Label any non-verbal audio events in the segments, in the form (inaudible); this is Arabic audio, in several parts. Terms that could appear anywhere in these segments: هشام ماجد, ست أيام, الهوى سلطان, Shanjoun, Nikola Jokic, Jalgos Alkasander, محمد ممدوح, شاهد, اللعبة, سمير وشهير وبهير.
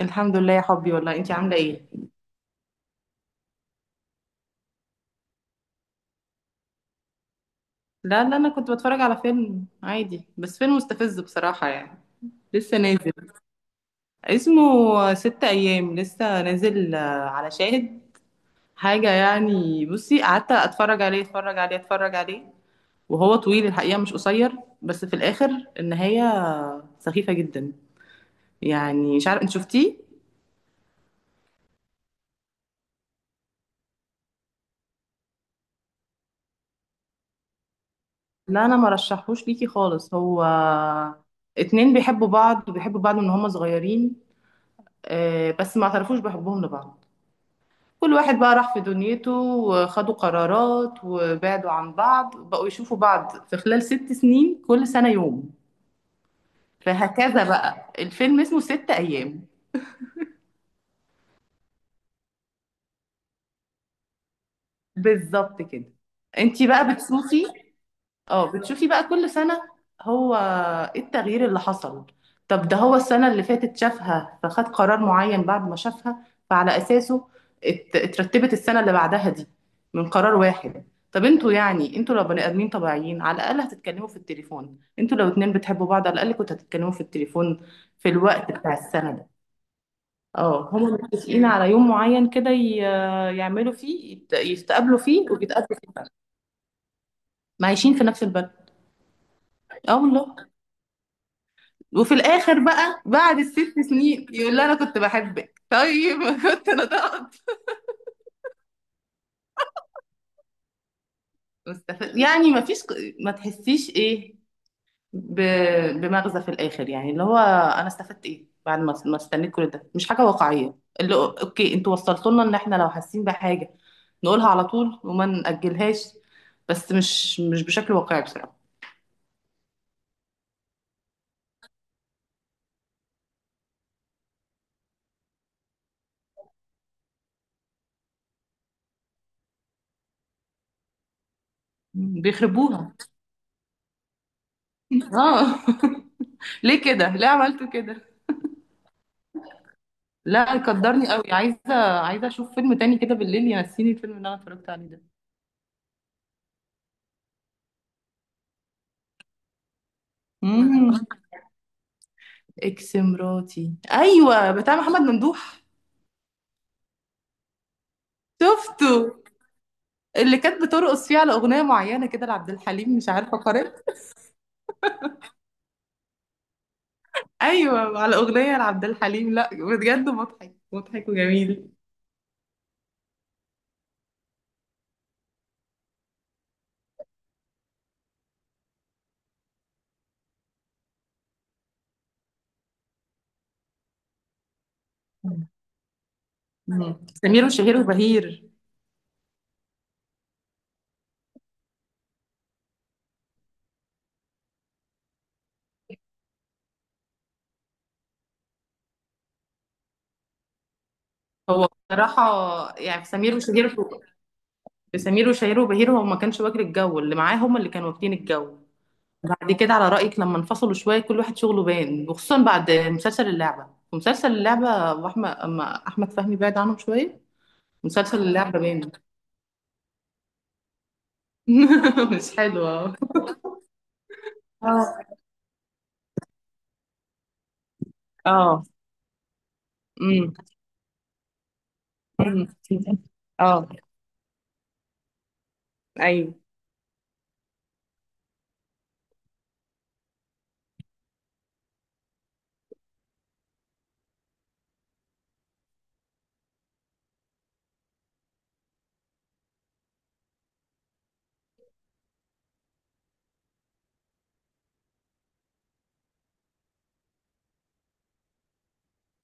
الحمد لله يا حبي، والله انتي عامله ايه؟ لا، لا، انا كنت بتفرج على فيلم عادي، بس فيلم مستفز بصراحه يعني. لسه نازل اسمه 6 ايام. لسه نازل آه، على شاهد. حاجه يعني، بصي قعدت اتفرج عليه اتفرج عليه اتفرج عليه، وهو طويل الحقيقه، مش قصير، بس في الاخر النهايه سخيفه جدا. يعني مش عارف انت شفتيه؟ لا، انا ما رشحهوش ليكي خالص، هو اتنين بيحبوا بعض وبيحبوا بعض من هما صغيرين، بس ما اعترفوش بحبهم لبعض. كل واحد بقى راح في دنيته، وخدوا قرارات وبعدوا عن بعض، بقوا يشوفوا بعض في خلال 6 سنين، كل سنة يوم. فهكذا بقى، الفيلم اسمه 6 أيام. بالظبط كده. انتي بقى بتشوفي. اه، بتشوفي بقى كل سنة. هو ايه التغيير اللي حصل؟ طب، ده هو السنة اللي فاتت شافها، فخد قرار معين بعد ما شافها، فعلى أساسه اترتبت السنة اللي بعدها دي من قرار واحد. طب انتوا، يعني انتوا لو بني آدمين طبيعيين على الأقل هتتكلموا في التليفون، انتوا لو اتنين بتحبوا بعض على الأقل كنتوا هتتكلموا في التليفون في الوقت بتاع السنة ده. اه، هما متفقين على يوم معين كده، يعملوا فيه يتقابلوا فيه وبيتقابلوا فيه. معايشين في نفس البلد. اه والله. وفي الاخر بقى بعد الست سنين يقول لي انا كنت بحبك، طيب (laughs) كنت انا ضغط. مستفز يعني، ما فيش، ما تحسيش ايه، ب... بمغزى في الاخر، يعني اللي هو انا استفدت ايه بعد ما استنيت كل ده، مش حاجه واقعيه. اللي هو اوكي، انتوا وصلتوا لنا ان احنا لو حاسين بحاجه نقولها على طول وما نأجلهاش، بس مش بشكل واقعي بصراحه. بيخربوها. اه، (laughs) ليه كده، ليه عملتوا كده؟ لا، كدرني قوي، عايزه عايزه اشوف فيلم تاني كده بالليل ينسيني الفيلم اللي انا اتفرجت عليه ده. امم. اكس مراتي ايوه، بتاع محمد ممدوح. شفته. اللي كانت بترقص فيه على اغنيه معينه كده لعبد الحليم، مش عارفه قريت. ايوه، على اغنيه لعبد الحليم. لا بجد مضحك مضحك وجميل. مم. سمير وشهير وبهير. هو بصراحه يعني، في سمير وشهير وبهير هو ما كانش واكل الجو اللي معاه، هم اللي كانوا واكلين الجو. بعد كده على رأيك، لما انفصلوا شوية كل واحد شغله بان، وخصوصا بعد مسلسل اللعبة. ومسلسل اللعبة أبو أحمد، أما أحمد فهمي بعد عنهم شوية. مسلسل اللعبة بان. (laughs) مش حلو. اه. اه. امم. أمم. اه. ايوه.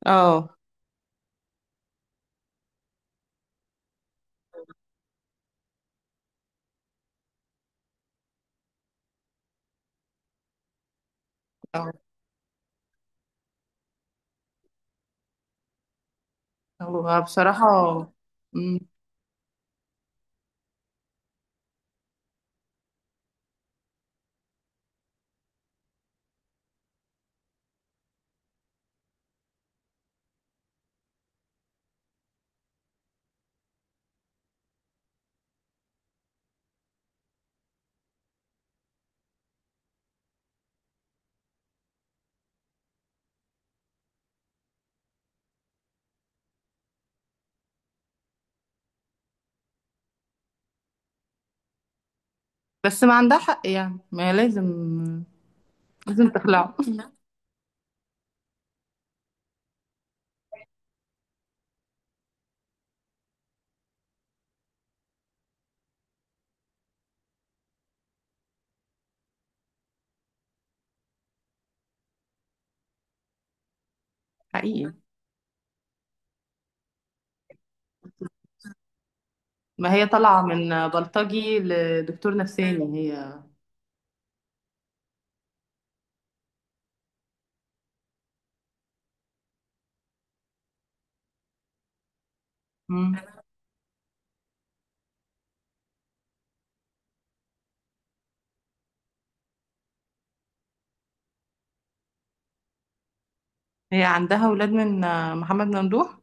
اه. اه. هو بصراحة، امم بس ما عندها حق يعني، ما هي لازم، لازم تخلعه. حقيقي. ما هي طالعة من بلطجي لدكتور نفساني هي. مم. هي عندها ولاد من محمد ممدوح؟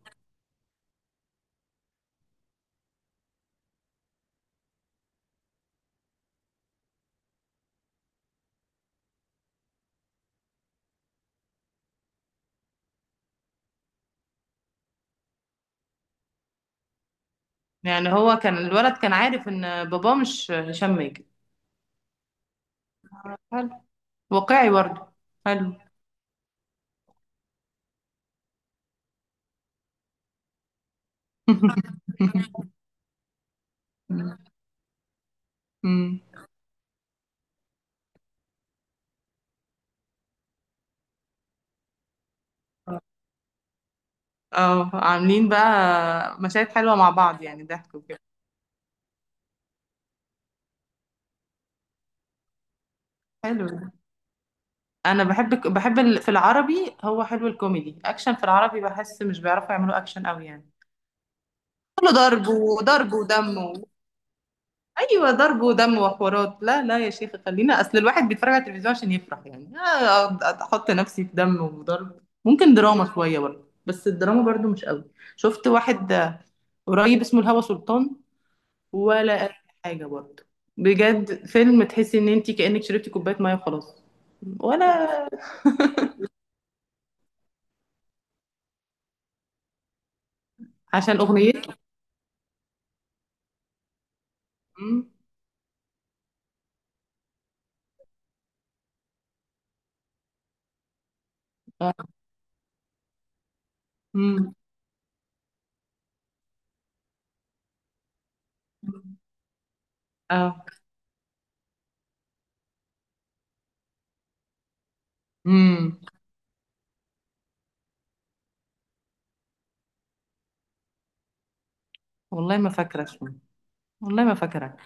يعني هو كان الولد كان عارف ان باباه مش هشام ماجد؟ حلو. واقعي برضه. حلو. (laughs) أمم. اه، عاملين بقى مشاهد حلوة مع بعض، يعني ضحك وكده. حلو ده. انا بحب في العربي، هو حلو الكوميدي اكشن، في العربي بحس مش بيعرفوا يعملوا اكشن قوي يعني. كله ضرب وضرب ودم. ايوه، ضرب ودم وحوارات. لا لا يا شيخ، خلينا، اصل الواحد بيتفرج على التلفزيون عشان يفرح، يعني أقعد احط نفسي في دم وضرب؟ ممكن دراما شويه برضه، بس الدراما برضه مش قوي. شفت واحد قريب اسمه الهوى سلطان، ولا اي حاجه برضه. بجد فيلم تحسي ان انت كانك شربتي كوبايه ميه وخلاص، ولا. عشان اغنيته. أمم. اه. أمم. اه. أمم. والله ما فاكره اسمه، والله ما فاكره.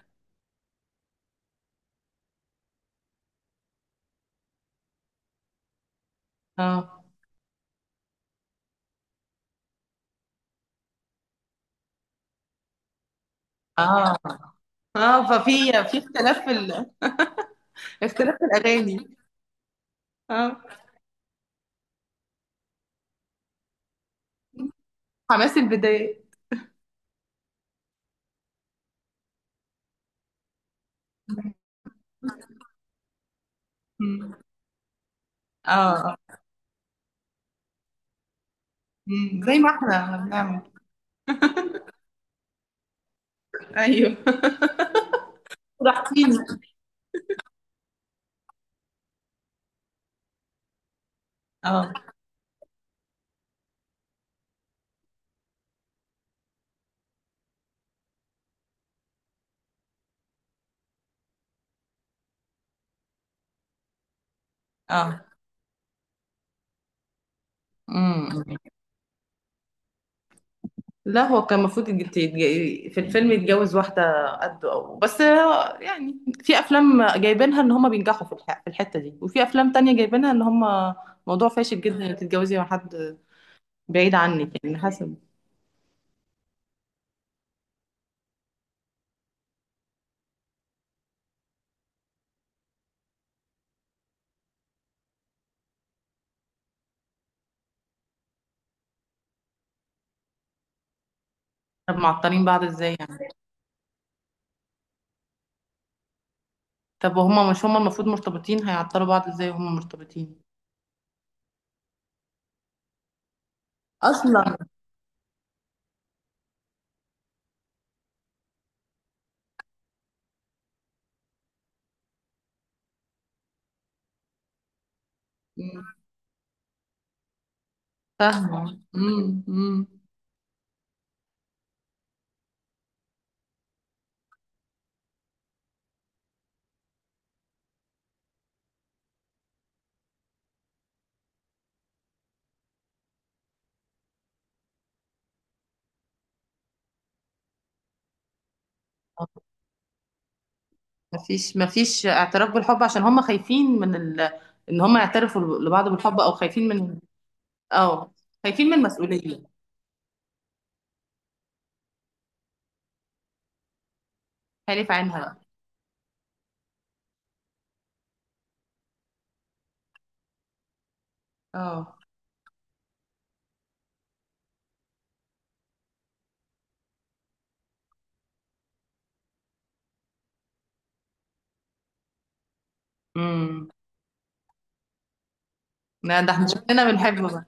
اه. اه. اه. ففي اختلاف في ال... اختلاف في الاغاني. اه، حماس البداية. مم. اه. مم. زي ما احنا بنعمل. ايوه. (laughs) راحتين. اه. اه. مم. لا، هو كان المفروض في الفيلم يتجوز واحدة قده أو، بس هو يعني، في أفلام جايبينها إن هما بينجحوا في الحتة دي، وفي أفلام تانية جايبينها إن هما موضوع فاشل جدا إنك تتجوزي مع حد بعيد عنك يعني، حسب. طب معطلين بعض إزاي يعني؟ طب وهما مش، هما المفروض مرتبطين، هيعطلوا بعض ازاي وهما مرتبطين اصلا؟ مم. فاهمة. مم. مم. مفيش اعتراف بالحب عشان هما خايفين من ال... ان هما يعترفوا لبعض بالحب، او خايفين من، اه، خايفين من مسؤولية، خايف عنها بقى. اه. امم. لا ده احنا شكلنا بنحب بعض،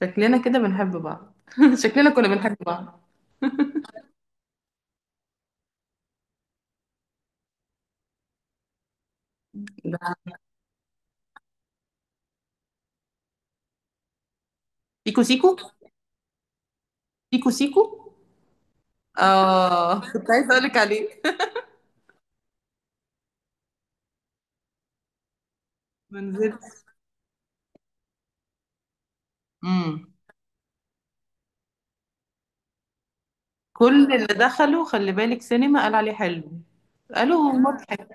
شكلنا كده بنحب بعض، (laughs) شكلنا كنا بنحب بعض. ده سيكو سيكو. سيكو سيكو. اه، كنت عايزه اقول لك عليه. (laughs) ما نزلت. كل اللي دخلوا خلي بالك سينما قال عليه حلو، قالوا مضحك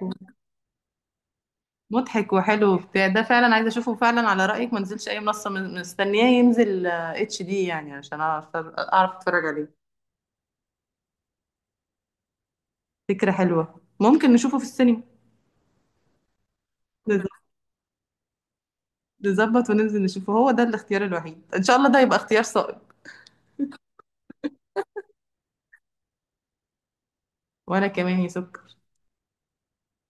مضحك وحلو وبتاع ده، فعلا عايزه اشوفه، فعلا على رايك ما نزلش اي منصه، مستنياه ينزل HD يعني عشان اعرف اتفرج عليه. فكره حلوه، ممكن نشوفه في السينما. نز- نظبط وننزل نشوفه، هو ده الاختيار الوحيد، ان شاء الله ده يبقى اختيار صائب. وانا كمان يا سكر.